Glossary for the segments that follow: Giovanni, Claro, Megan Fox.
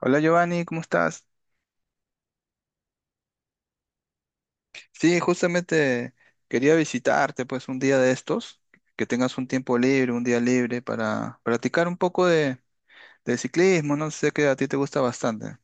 Hola Giovanni, ¿cómo estás? Sí, justamente quería visitarte pues un día de estos, que tengas un tiempo libre, un día libre para practicar un poco de ciclismo, no sé que a ti te gusta bastante.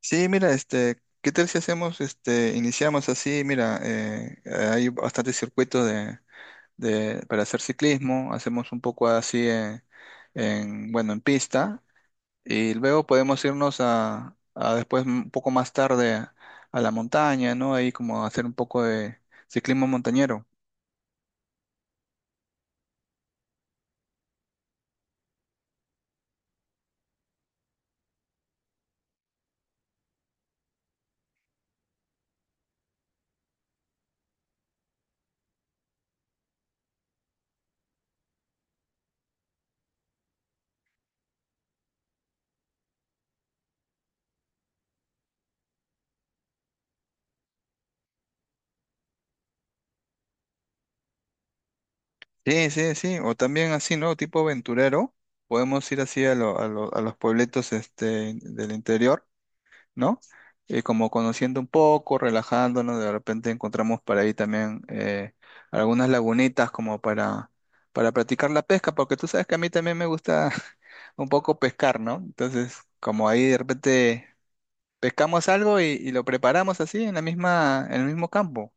Sí, mira, ¿qué tal si hacemos, iniciamos así? Mira, hay bastantes circuitos para hacer ciclismo, hacemos un poco así bueno, en pista. Y luego podemos irnos a después, un poco más tarde, a la montaña, ¿no? Ahí como hacer un poco de ciclismo montañero. Sí, sí, sí. O también así, ¿no? Tipo aventurero. Podemos ir así a los puebletos del interior, ¿no? Y como conociendo un poco, relajándonos, de repente encontramos por ahí también algunas lagunitas como para practicar la pesca, porque tú sabes que a mí también me gusta un poco pescar, ¿no? Entonces, como ahí de repente pescamos algo y lo preparamos así en la misma, en el mismo campo.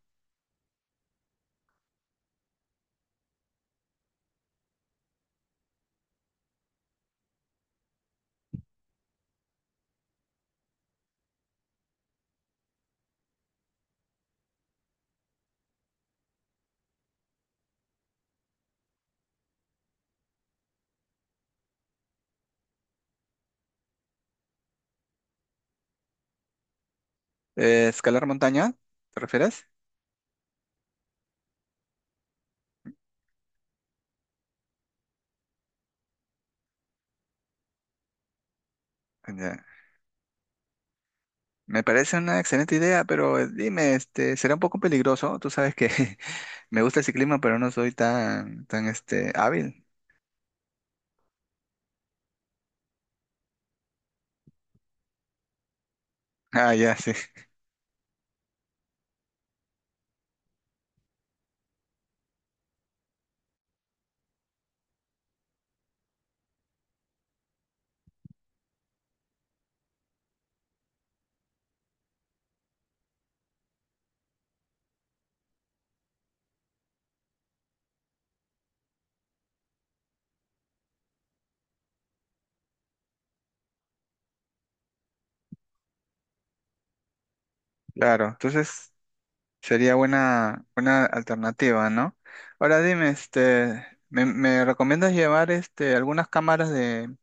Escalar montaña, ¿te refieres? Ya. Me parece una excelente idea, pero dime, será un poco peligroso. Tú sabes que me gusta ese clima, pero no soy tan, hábil. Ah, ya, sí, claro. Entonces sería buena alternativa, ¿no? Ahora dime, me recomiendas llevar, algunas cámaras de,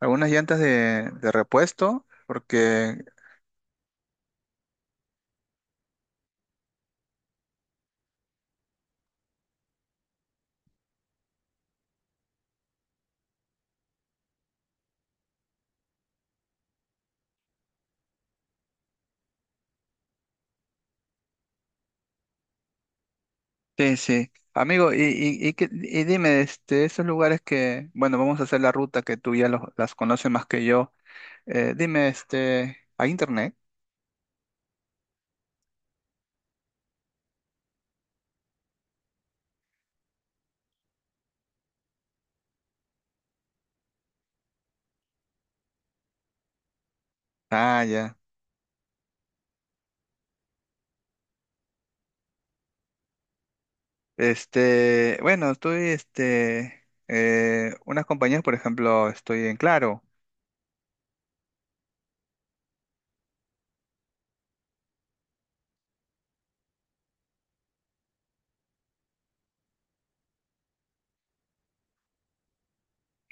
algunas llantas de repuesto? Porque sí, sí. Amigo, y dime, esos lugares que, bueno, vamos a hacer la ruta que tú ya las conoces más que yo. Dime, ¿hay internet? Ah, ya. Bueno, unas compañías, por ejemplo, estoy en Claro.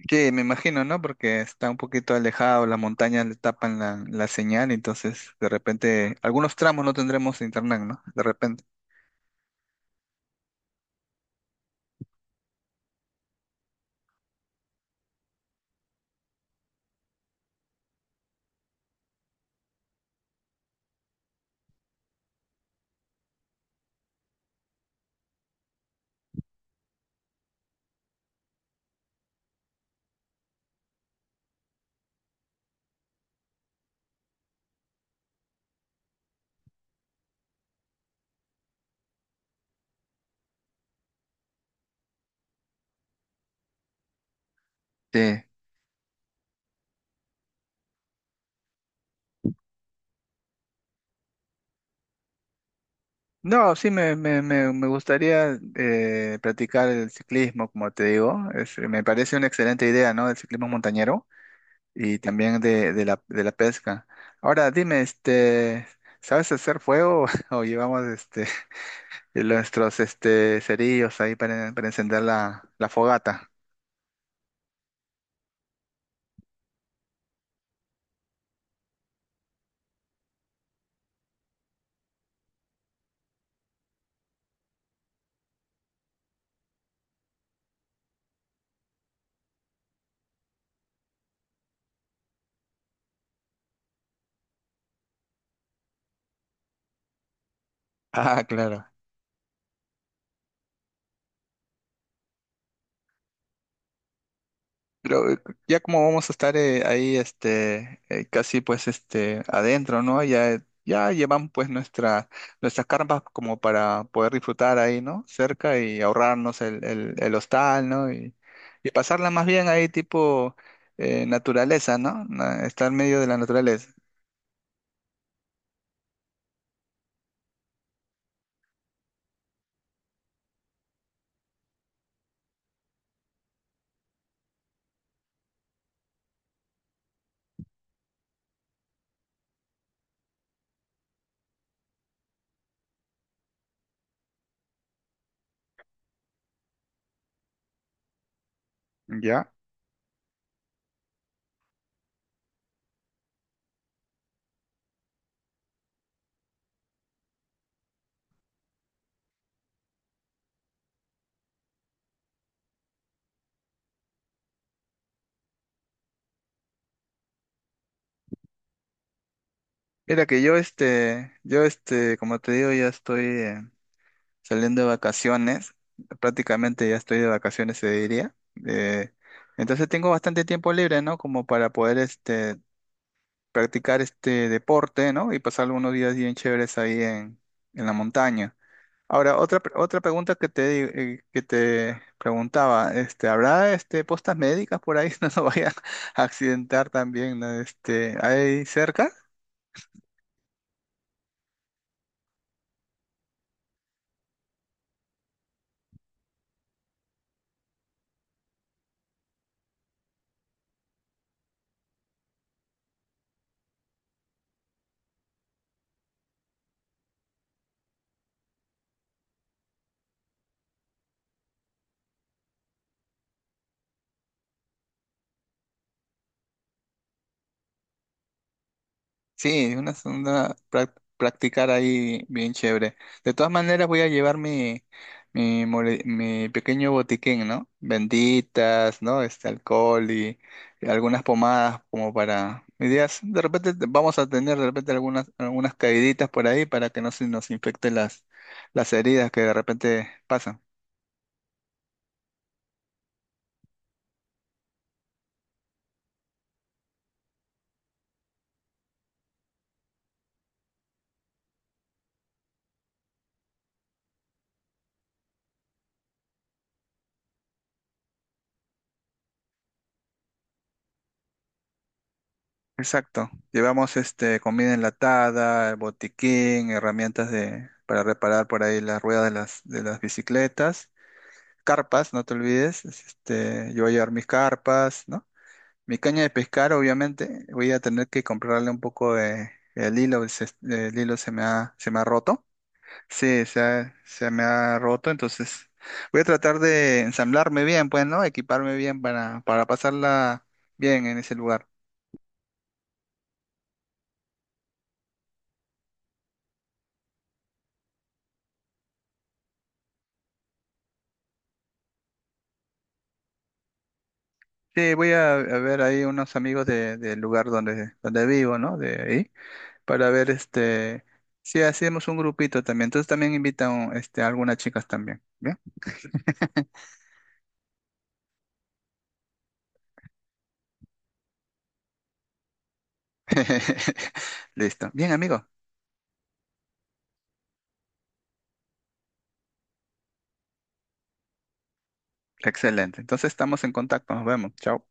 Sí, me imagino, ¿no? Porque está un poquito alejado, las montañas le tapan la señal, entonces de repente algunos tramos no tendremos internet, ¿no? De repente. Sí. No, sí, me gustaría practicar el ciclismo, como te digo. Me parece una excelente idea, ¿no? El ciclismo montañero y también de la pesca. Ahora, dime, ¿sabes hacer fuego o llevamos nuestros cerillos ahí para encender la fogata? Ah, claro. Creo, ya como vamos a estar ahí casi pues este adentro, ¿no? Ya llevamos pues nuestras carpas como para poder disfrutar ahí, ¿no? Cerca y ahorrarnos el hostal, ¿no? Y pasarla más bien ahí tipo naturaleza, ¿no? Estar en medio de la naturaleza. Ya. Mira que yo este como te digo ya estoy salían de vacaciones, prácticamente ya estoy de vacaciones, se diría. Eh, entonces tengo bastante tiempo libre, ¿no? Como para poder practicar este deporte, ¿no? Y pasar unos días bien chéveres ahí en la montaña. Ahora, otra pregunta que te preguntaba, ¿habrá postas médicas por ahí? No, no vaya a accidentar también, ¿no? ¿Hay cerca? Sí, es una segunda, practicar ahí bien chévere. De todas maneras voy a llevar mi pequeño botiquín, ¿no? Benditas, ¿no? Este alcohol y algunas pomadas como para... Mi de repente vamos a tener de repente algunas, algunas caíditas por ahí para que no se nos infecten las heridas que de repente pasan. Exacto. Llevamos este comida enlatada, el botiquín, herramientas de para reparar por ahí las ruedas de las bicicletas, carpas, no te olvides. Este, yo voy a llevar mis carpas, ¿no? Mi caña de pescar, obviamente, voy a tener que comprarle un poco de el hilo, el hilo se me ha roto. Sí, se me ha roto, entonces voy a tratar de ensamblarme bien, pues, ¿no? Equiparme bien para pasarla bien en ese lugar. Sí, voy a ver ahí unos amigos del lugar donde vivo, ¿no? De ahí. Para ver si hacemos un grupito también. Entonces también invitan a algunas chicas también, ¿bien? Listo. Bien, amigo. Excelente. Entonces estamos en contacto. Nos vemos. Chao.